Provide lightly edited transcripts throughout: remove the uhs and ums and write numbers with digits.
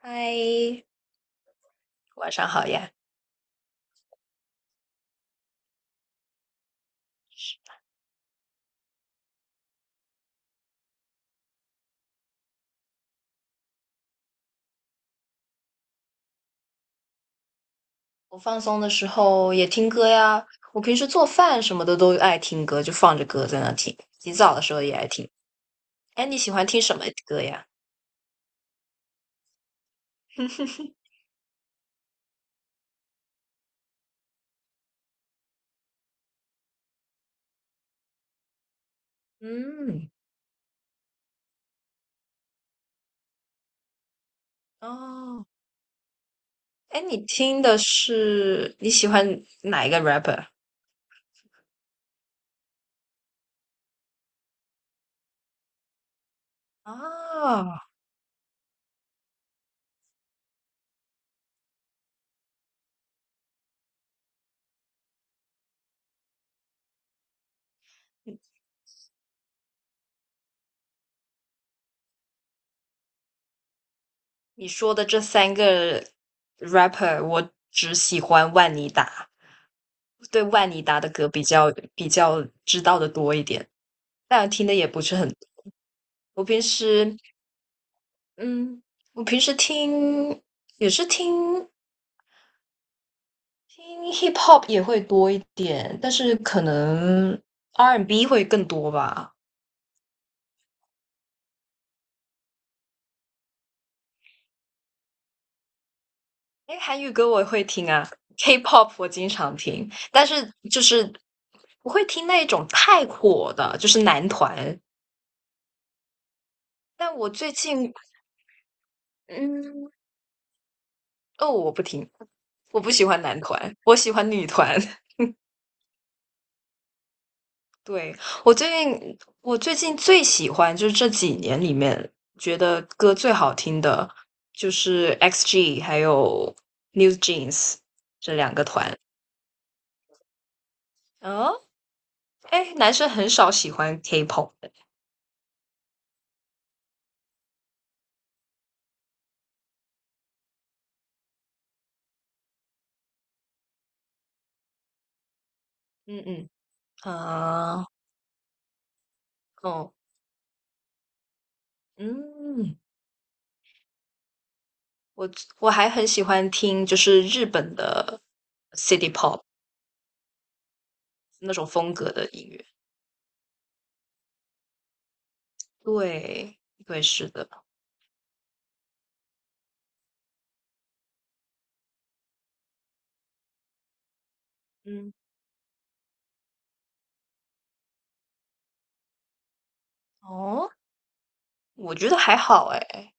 嗨，晚上好呀！我放松的时候也听歌呀。我平时做饭什么的都爱听歌，就放着歌在那听。洗澡的时候也爱听。哎，你喜欢听什么歌呀？嗯，哦，哎，你听的是你喜欢哪一个 rapper 啊？你说的这三个 rapper，我只喜欢万妮达，对万妮达的歌比较知道的多一点，但听的也不是很。我平时，嗯，我平时听也是听听 hip hop 也会多一点，但是可能 R&B and B 会更多吧。因为韩语歌我也会听啊，K-pop 我经常听，但是就是不会听那种太火的，就是男团。但我最近，嗯，哦，我不听，我不喜欢男团，我喜欢女团。对，我最近最喜欢就是这几年里面觉得歌最好听的，就是 XG 还有 NewJeans 这两个团。哦，哎，男生很少喜欢 K-pop 的。嗯嗯，啊，哦，嗯，我我还很喜欢听就是日本的 City Pop 那种风格的音乐。对，对，是的。嗯，哦，我觉得还好哎。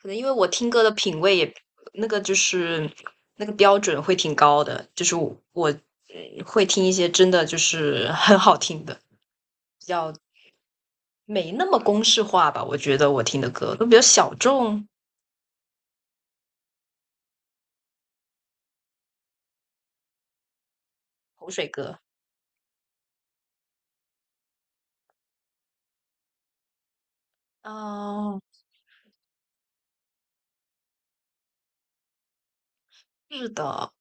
可能因为我听歌的品味也那个就是那个标准会挺高的，就是我会听一些真的就是 很好听的，比较没那么公式化吧。我觉得我听的歌都比较小众，口水歌。哦，是的，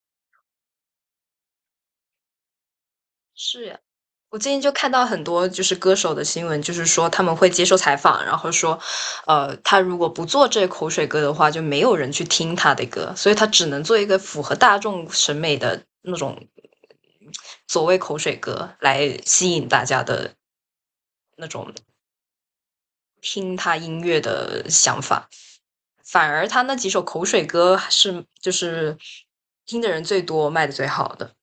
是呀。我最近就看到很多就是歌手的新闻，就是说他们会接受采访，然后说，他如果不做这口水歌的话，就没有人去听他的歌，所以他只能做一个符合大众审美的那种所谓口水歌来吸引大家的那种听他音乐的想法。反而他那几首口水歌还是就是听的人最多，卖的最好的。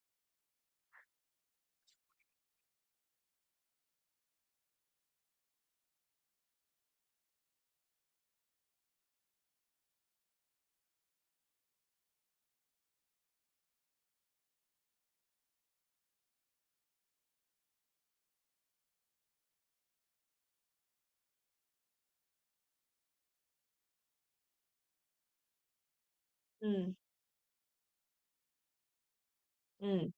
嗯嗯，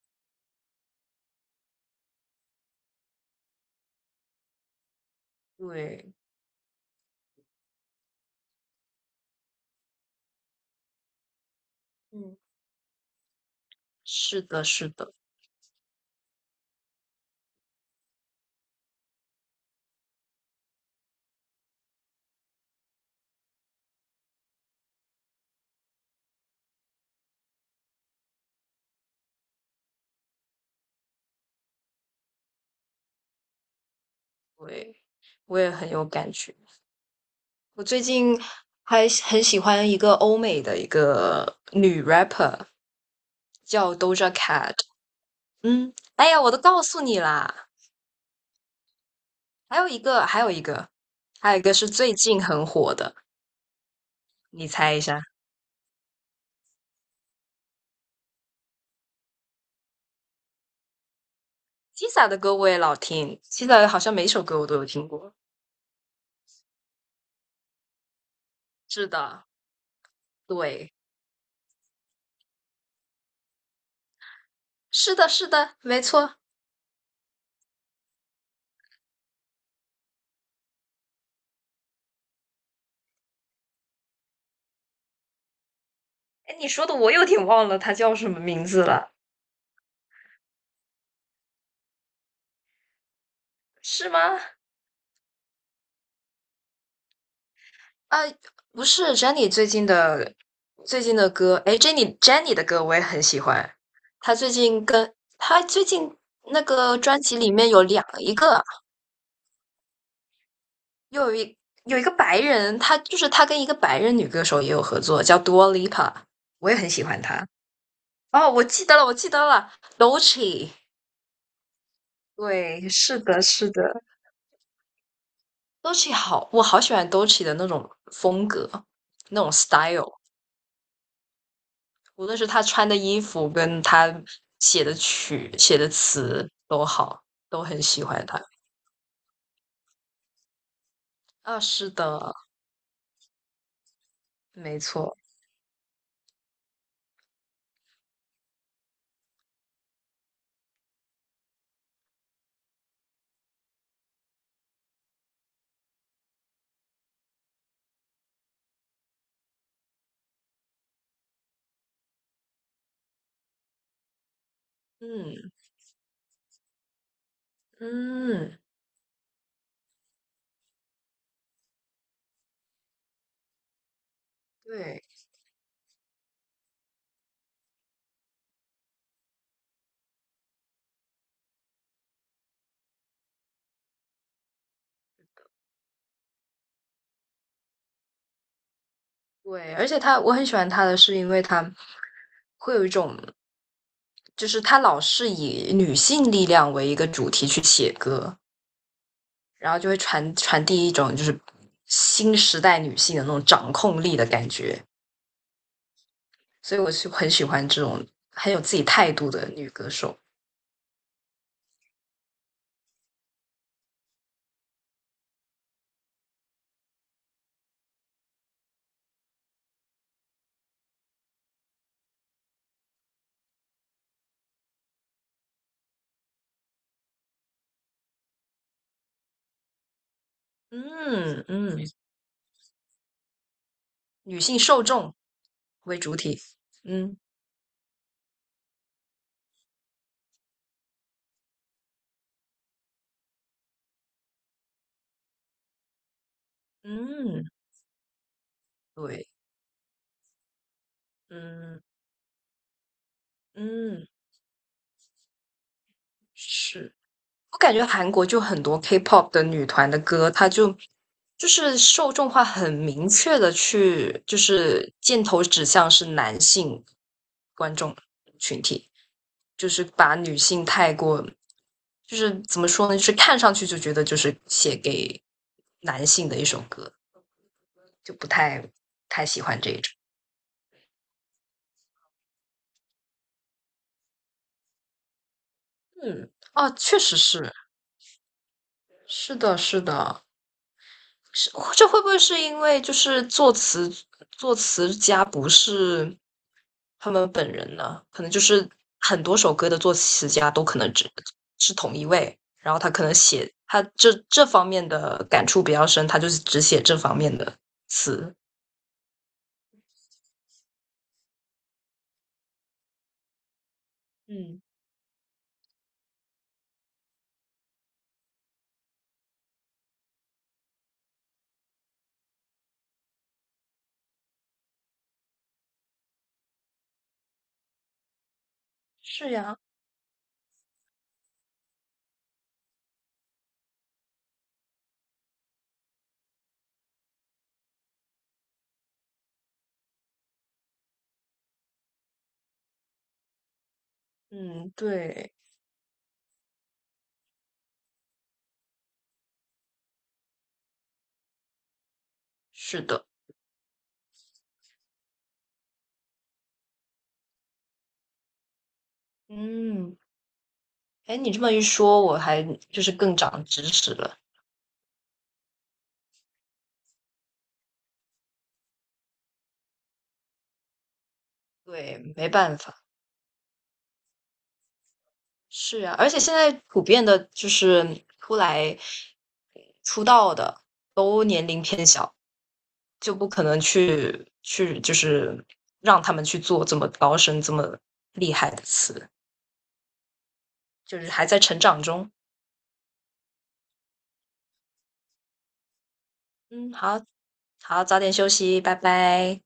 对，嗯，是的，是的。对，我也很有感觉。我最近还很喜欢一个欧美的一个女 rapper，叫 Doja Cat。嗯，哎呀，我都告诉你啦。还有一个，还有一个，还有一个是最近很火的，你猜一下？Tisa 的歌我也老听，Tisa 好像每首歌我都有听过。是的，对，是的，是的，没错。哎，你说的我有点忘了她叫什么名字了，是吗？啊，不是 Jennie 最近的歌，哎，Jennie 的歌我也很喜欢。她最近跟她最近那个专辑里面一个，又有一个白人，她就是她跟一个白人女歌手也有合作，叫 Dua Lipa，我也很喜欢她。哦，我记得了 d o e c h i。 对，是的，是的。 d o e c h i 好，我好喜欢 d o e c h i 的那种风格，那种 style。无论是他穿的衣服跟他写的曲、写的词都好，都很喜欢他。啊，是的，没错。嗯嗯，对对，而且我很喜欢他的是因为他会有一种，就是他老是以女性力量为一个主题去写歌，然后就会传递一种就是新时代女性的那种掌控力的感觉，所以我是很喜欢这种很有自己态度的女歌手。嗯嗯。女性受众为主体。嗯嗯，对，嗯嗯，是。我感觉韩国就很多 K-pop 的女团的歌，它就是受众化很明确的去，就是箭头指向是男性观众群体，就是把女性太过，就是怎么说呢，就是看上去就觉得就是写给男性的一首歌，就不太喜欢这一种。嗯，哦，确实是。是的，是的，是。这会不会是因为就是作词家不是他们本人呢？可能就是很多首歌的作词家都可能只是同一位，然后他可能写他这方面的感触比较深，他就是只写这方面的词。嗯，是呀，嗯，对，是的，嗯，哎，你这么一说，我还就是更长知识了。对，没办法。是啊，而且现在普遍的就是出道的都年龄偏小，就不可能去就是让他们去做这么高深、这么厉害的词，就是还在成长中。嗯，好，好，早点休息，拜拜。